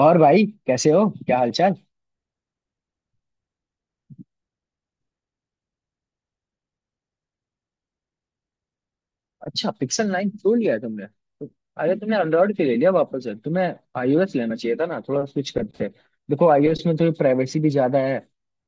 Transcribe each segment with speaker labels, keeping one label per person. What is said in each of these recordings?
Speaker 1: और भाई, कैसे हो? क्या हालचाल? अच्छा, पिक्सल नाइन प्रो लिया है तुमने तो- अरे तुमने एंड्रॉइड क्यों ले लिया वापस से? तुम्हें आईओएस लेना चाहिए था ना, थोड़ा स्विच करते। देखो, आईओएस में थोड़ी प्राइवेसी भी ज्यादा है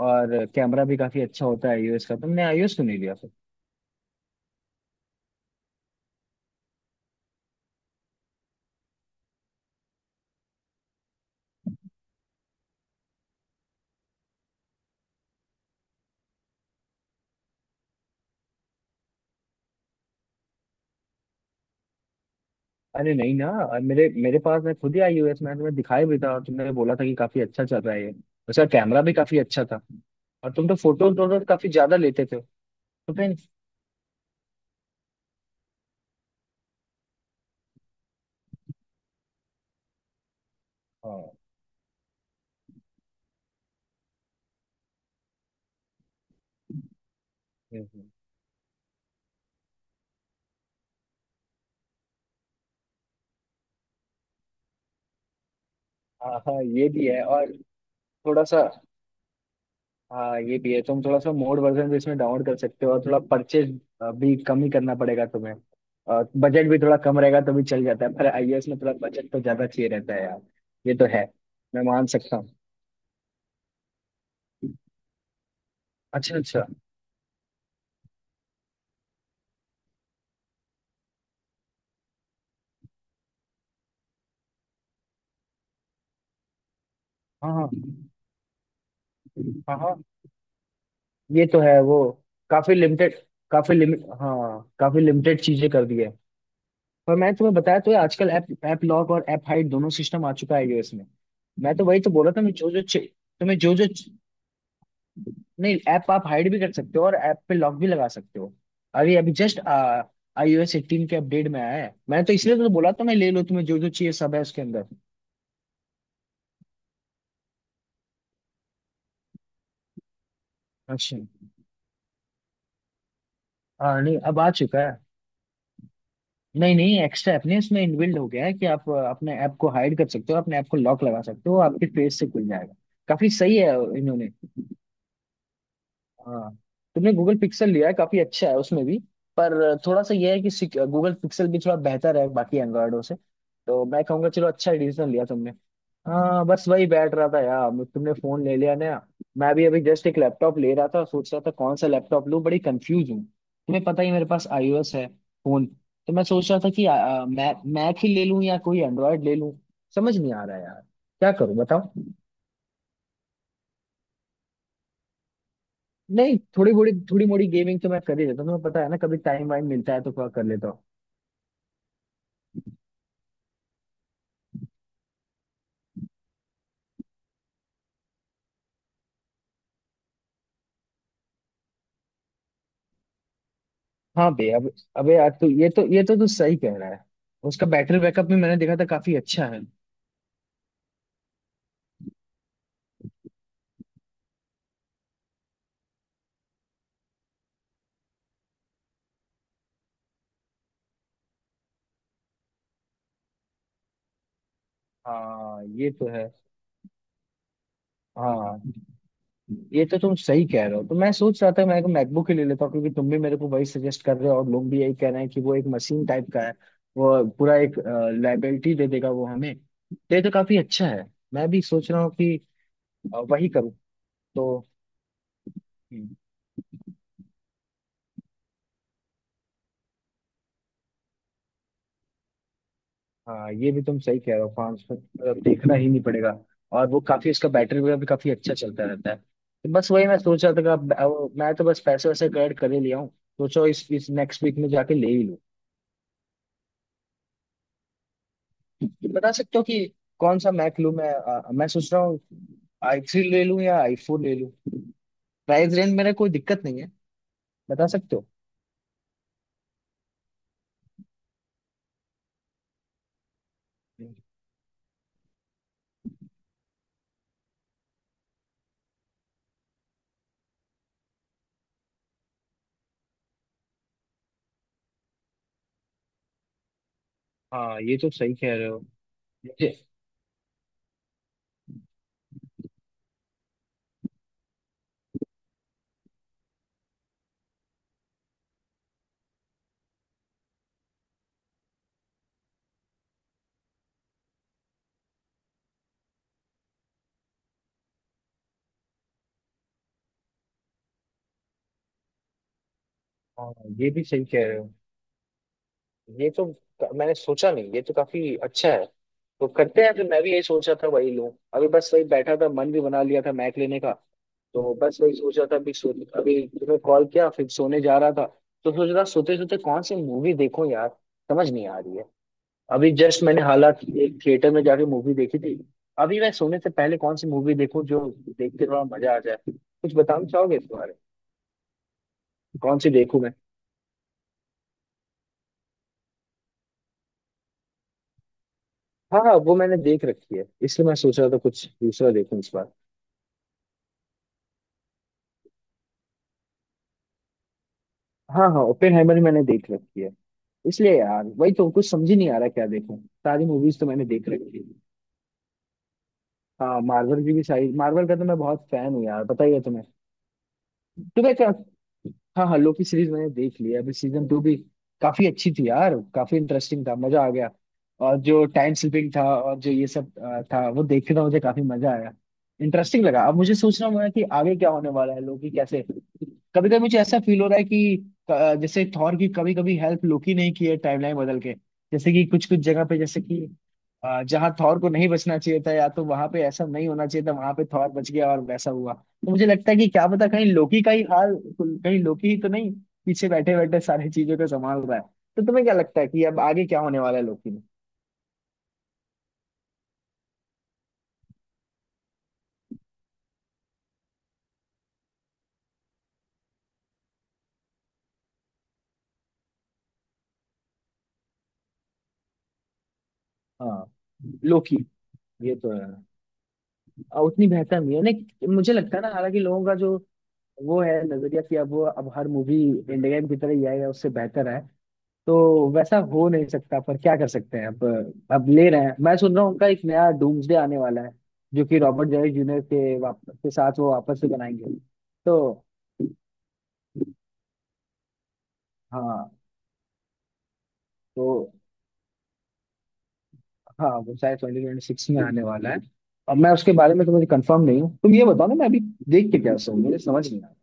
Speaker 1: और कैमरा भी काफी अच्छा होता है आईओएस का। तुमने आईओएस क्यों नहीं लिया फिर? अरे नहीं ना, और मेरे मेरे पास मैं खुद ही आईओएस मैंने तुम्हें दिखाया भी था और तुमने बोला था कि काफी अच्छा चल रहा है ये। उसका कैमरा भी काफी अच्छा था। और तुम तो फोटो वोटो काफी ज्यादा लेते थे। तो फिर? हाँ। हम्म, हम्म। हाँ हाँ, ये भी है। और थोड़ा सा, हाँ, ये भी है। तुम थोड़ा सा मोड वर्जन भी इसमें डाउनलोड कर सकते हो और थोड़ा परचेज भी कम ही करना पड़ेगा तुम्हें। और बजट भी थोड़ा कम रहेगा तो भी चल जाता है, पर आईओएस में थोड़ा बजट तो ज्यादा चाहिए रहता है यार। ये तो है। मैं मान सकता हूँ। अच्छा, अच्छा। हाँ हाँ, हाँ हाँ। ये तो है वो, काफी लिमिटेड। काफी लिमिट हाँ, काफी लिमिटेड चीजें कर दी है। पर मैं तुम्हें बताया तो है, आजकल ऐप ऐप लॉक और ऐप हाइड दोनों सिस्टम आ चुका है iOS में। मैं तो वही तो बोल रहा था, मैं जो जो चे- तुम्हें जो जो, नहीं, ऐप आप हाइड भी कर सकते हो और ऐप पे लॉक भी लगा सकते हो। अभी अभी जस्ट आईओएस 18 के अपडेट में आया है। मैं तो इसलिए तो बोला था, मैं ले लो, तुम्हें जो जो चाहिए सब है उसके अंदर। अच्छा। हाँ, नहीं, अब आ चुका है। नहीं नहीं, एक्स्ट्रा ऐप नहीं, उसमें इनबिल्ड हो गया है कि आप अपने ऐप को हाइड कर सकते हो, अपने ऐप को लॉक लगा सकते हो, आपके फेस से खुल जाएगा। काफी सही है इन्होंने। हाँ। तुमने गूगल पिक्सल लिया है, काफी अच्छा है उसमें भी। पर थोड़ा सा यह है कि गूगल पिक्सल भी थोड़ा बेहतर है बाकी एंड्रॉयडों से। तो मैं कहूंगा, चलो, अच्छा डिसीजन लिया तुमने। हाँ, बस वही बैठ रहा था यार, तुमने फोन ले लिया ना। मैं भी अभी जस्ट एक लैपटॉप ले रहा था, सोच रहा था कौन सा लैपटॉप लूँ। बड़ी कंफ्यूज हूँ, तुम्हें पता ही, मेरे पास आईओएस है फोन। तो मैं सोच रहा था कि मैक मैक ही ले लूँ या कोई एंड्रॉयड ले लूँ। समझ नहीं आ रहा यार, क्या करूँ बताओ। नहीं, थोड़ी बड़ी थोड़ी मोड़ी गेमिंग तो मैं कर ही लेता हूँ, तुम्हें पता है ना, कभी टाइम वाइम मिलता है तो थोड़ा कर लेता हूँ। हाँ बे, अब अबे यार तू, ये तो तू सही कह रहा है। उसका बैटरी बैकअप भी मैंने देखा था, काफी अच्छा है। हाँ, ये तो है। हाँ, ये तो तुम सही कह रहे हो। तो मैं सोच रहा था मैं एक मैकबुक ही ले लेता हूँ, क्योंकि तुम भी मेरे को वही सजेस्ट कर रहे हो और लोग भी यही कह रहे हैं कि वो एक मशीन टाइप का है। वो पूरा एक लाइबिलिटी दे देगा वो हमें। तो ये तो काफी अच्छा है। मैं भी सोच रहा हूँ कि वही करूँ। तो हम्म, हाँ, ये भी तुम सही कह रहे हो। 500 देखना ही नहीं पड़ेगा। और वो काफी, उसका बैटरी वगैरह भी काफी अच्छा चलता रहता है। तो बस वही मैं सोच रहा था कि अब मैं तो बस पैसे वैसे कलेक्ट कर ही लिया हूँ। सोचो, इस नेक्स्ट वीक में जाके ले ही लूँ। ये बता सकते हो कि कौन सा मैक लूं? मैं सोच रहा हूँ, i3 ले लूं या i4 ले लूं। प्राइस रेंज मेरा कोई दिक्कत नहीं है, बता सकते हो। हाँ, ये तो सही कह रहे हो। मुझे, हाँ, ये भी सही कह रहे हो। ये तो, मैंने सोचा नहीं, ये तो काफी अच्छा है। तो करते हैं फिर, मैं भी यही सोचा था वही लूँ। अभी बस वही बैठा था, मन भी बना लिया था मैक लेने का। तो बस वही सोचा था। अभी तुम्हें कॉल किया, फिर सोने जा रहा था। तो सोच रहा, सोते सोते कौन सी मूवी देखूं यार, समझ नहीं आ रही है। अभी जस्ट मैंने हालांकि एक थिएटर में जाके मूवी देखी थी। अभी मैं सोने से पहले कौन सी मूवी देखूं जो देख के थोड़ा मजा आ जाए? कुछ बताना चाहोगे इस बारे में? कौन सी देखूं मैं? हाँ हाँ, वो मैंने देख रखी है, इसलिए मैं सोच रहा था कुछ दूसरा देखूं इस बार। हाँ हाँ, ओपेनहाइमर भी मैंने देख रखी है। इसलिए यार वही तो कुछ समझ ही नहीं आ रहा क्या देखूं। सारी मूवीज तो मैंने देख रखी है। हाँ, मार्वल की भी सारी। मार्वल का तो मैं बहुत फैन हूँ यार, पता ही है तुम्हें। तुम्हें क्या, हाँ हाँ, लोकी सीरीज मैंने देख ली है। अभी सीजन 2 भी। काफी अच्छी थी यार, काफी इंटरेस्टिंग था, मजा आ गया। और जो टाइम स्लिपिंग था और जो ये सब था, वो देखने का मुझे काफी मजा आया। इंटरेस्टिंग लगा। अब मुझे सोचना हुआ है कि आगे क्या होने वाला है लोकी कैसे। कभी कभी मुझे ऐसा फील हो रहा है कि, जैसे थॉर की कभी कभी हेल्प लोकी नहीं की है टाइमलाइन बदल के, जैसे कि कुछ कुछ जगह पे, जैसे कि, जहाँ थॉर को नहीं बचना चाहिए था, या तो वहां पे ऐसा नहीं होना चाहिए था, वहां पे थॉर बच गया और वैसा हुआ। तो मुझे लगता है कि क्या पता कहीं लोकी का ही हाल, कहीं लोकी ही तो नहीं पीछे बैठे बैठे सारी चीजों को संभाल रहा है। तो तुम्हें क्या लगता है कि अब आगे क्या होने वाला है लोकी में? हाँ, लोकी। ये तो है। उतनी बेहतर नहीं है, नहीं मुझे लगता है ना। हालांकि लोगों का जो वो है नजरिया कि अब वो, अब हर मूवी एंड गेम की तरह ही आएगा उससे बेहतर है, तो वैसा हो नहीं सकता, पर क्या कर सकते हैं अब। अब ले रहे हैं, मैं सुन रहा हूँ उनका एक नया डूम्सडे आने वाला है जो कि रॉबर्ट डॉनी जूनियर के के साथ वो वापस से बनाएंगे। तो हाँ, तो हाँ, वो शायद 2026 में आने वाला है। अब मैं उसके बारे में तो मुझे कंफर्म नहीं हूँ। तुम ये बताओ ना, मैं अभी देख के क्या सोऊं, मुझे समझ नहीं आ रहा।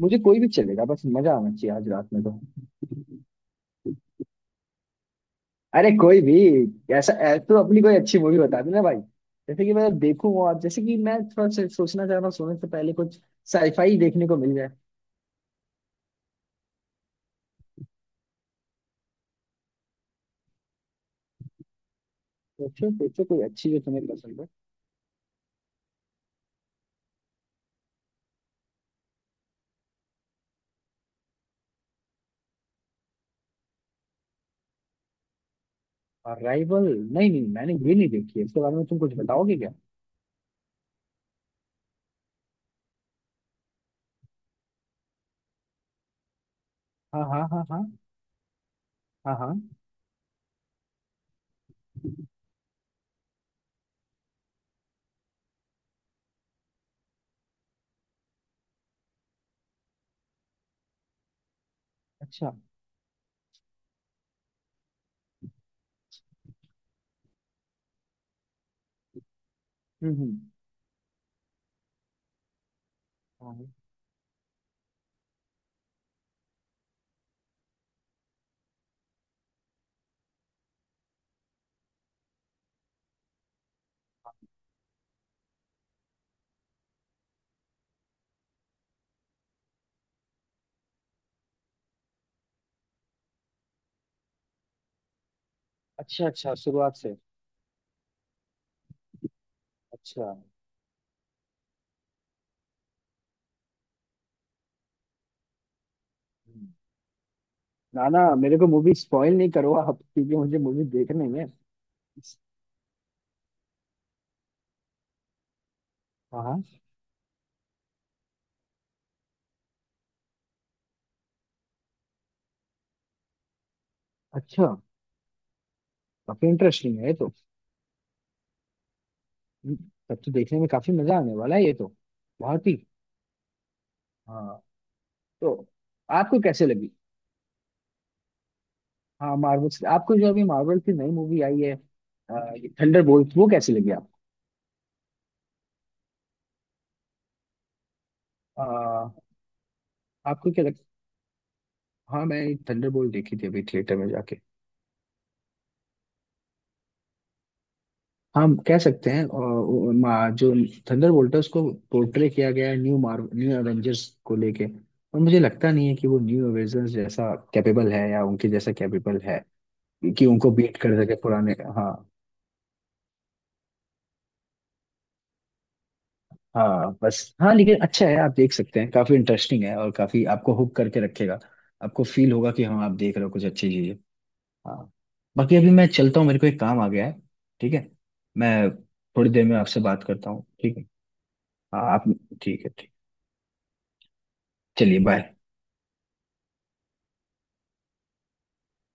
Speaker 1: मुझे कोई भी चलेगा, बस मजा आना चाहिए आज रात में तो। अरे कोई भी, तो अपनी कोई अच्छी मूवी बता देना भाई, जैसे कि मैं देखूं, और जैसे कि मैं थोड़ा सा सोचना चाह रहा हूँ, सोने से पहले कुछ साईफाई देखने को मिल जाए। सोचो सोचो कोई अच्छी जो तुम्हें पसंद हो। और राइवल? नहीं नहीं, मैंने ये नहीं देखी है। इसके बारे में तुम कुछ बताओगे क्या? हाँ हाँ, हाँ हाँ। हाँ हाँ। अच्छा। हम्म। हाँ। अच्छा, अच्छा, शुरुआत से। अच्छा। हम्म। ना ना, मेरे को मूवी स्पॉइल नहीं करो आप, क्योंकि मुझे मूवी देखनी है। हाँ हाँ। अच्छा। काफी इंटरेस्टिंग है ये तो। हम्म, तब तो देखने में काफी मजा आने वाला है ये तो, बहुत ही। हाँ। तो आपको कैसे लगी? हाँ, मार्वल से, आपको जो अभी मार्वल की नई मूवी आई है, थंडर बोल्ट, वो कैसी लगी आपको? आ, आपको क्या लग- हाँ, मैं थंडर बोल्ट देखी थी अभी थिएटर में जाके। हम कह सकते हैं, और जो थंडरबोल्ट है उसको पोर्ट्रे किया गया है न्यू एवेंजर्स को लेके। और मुझे लगता नहीं है कि वो न्यू एवेंजर्स जैसा कैपेबल है या उनके जैसा कैपेबल है कि उनको बीट कर सके पुराने। हाँ, हाँ बस, हाँ लेकिन अच्छा है, आप देख सकते हैं, काफी इंटरेस्टिंग है और काफी आपको हुक करके रखेगा। आपको फील होगा कि हाँ, आप देख रहे हो कुछ अच्छी चीजें। हाँ। बाकी अभी मैं चलता हूँ, मेरे को एक काम आ गया है। ठीक है, मैं थोड़ी देर में आपसे बात करता हूँ, ठीक है? हाँ आप, ठीक है, ठीक। चलिए, बाय।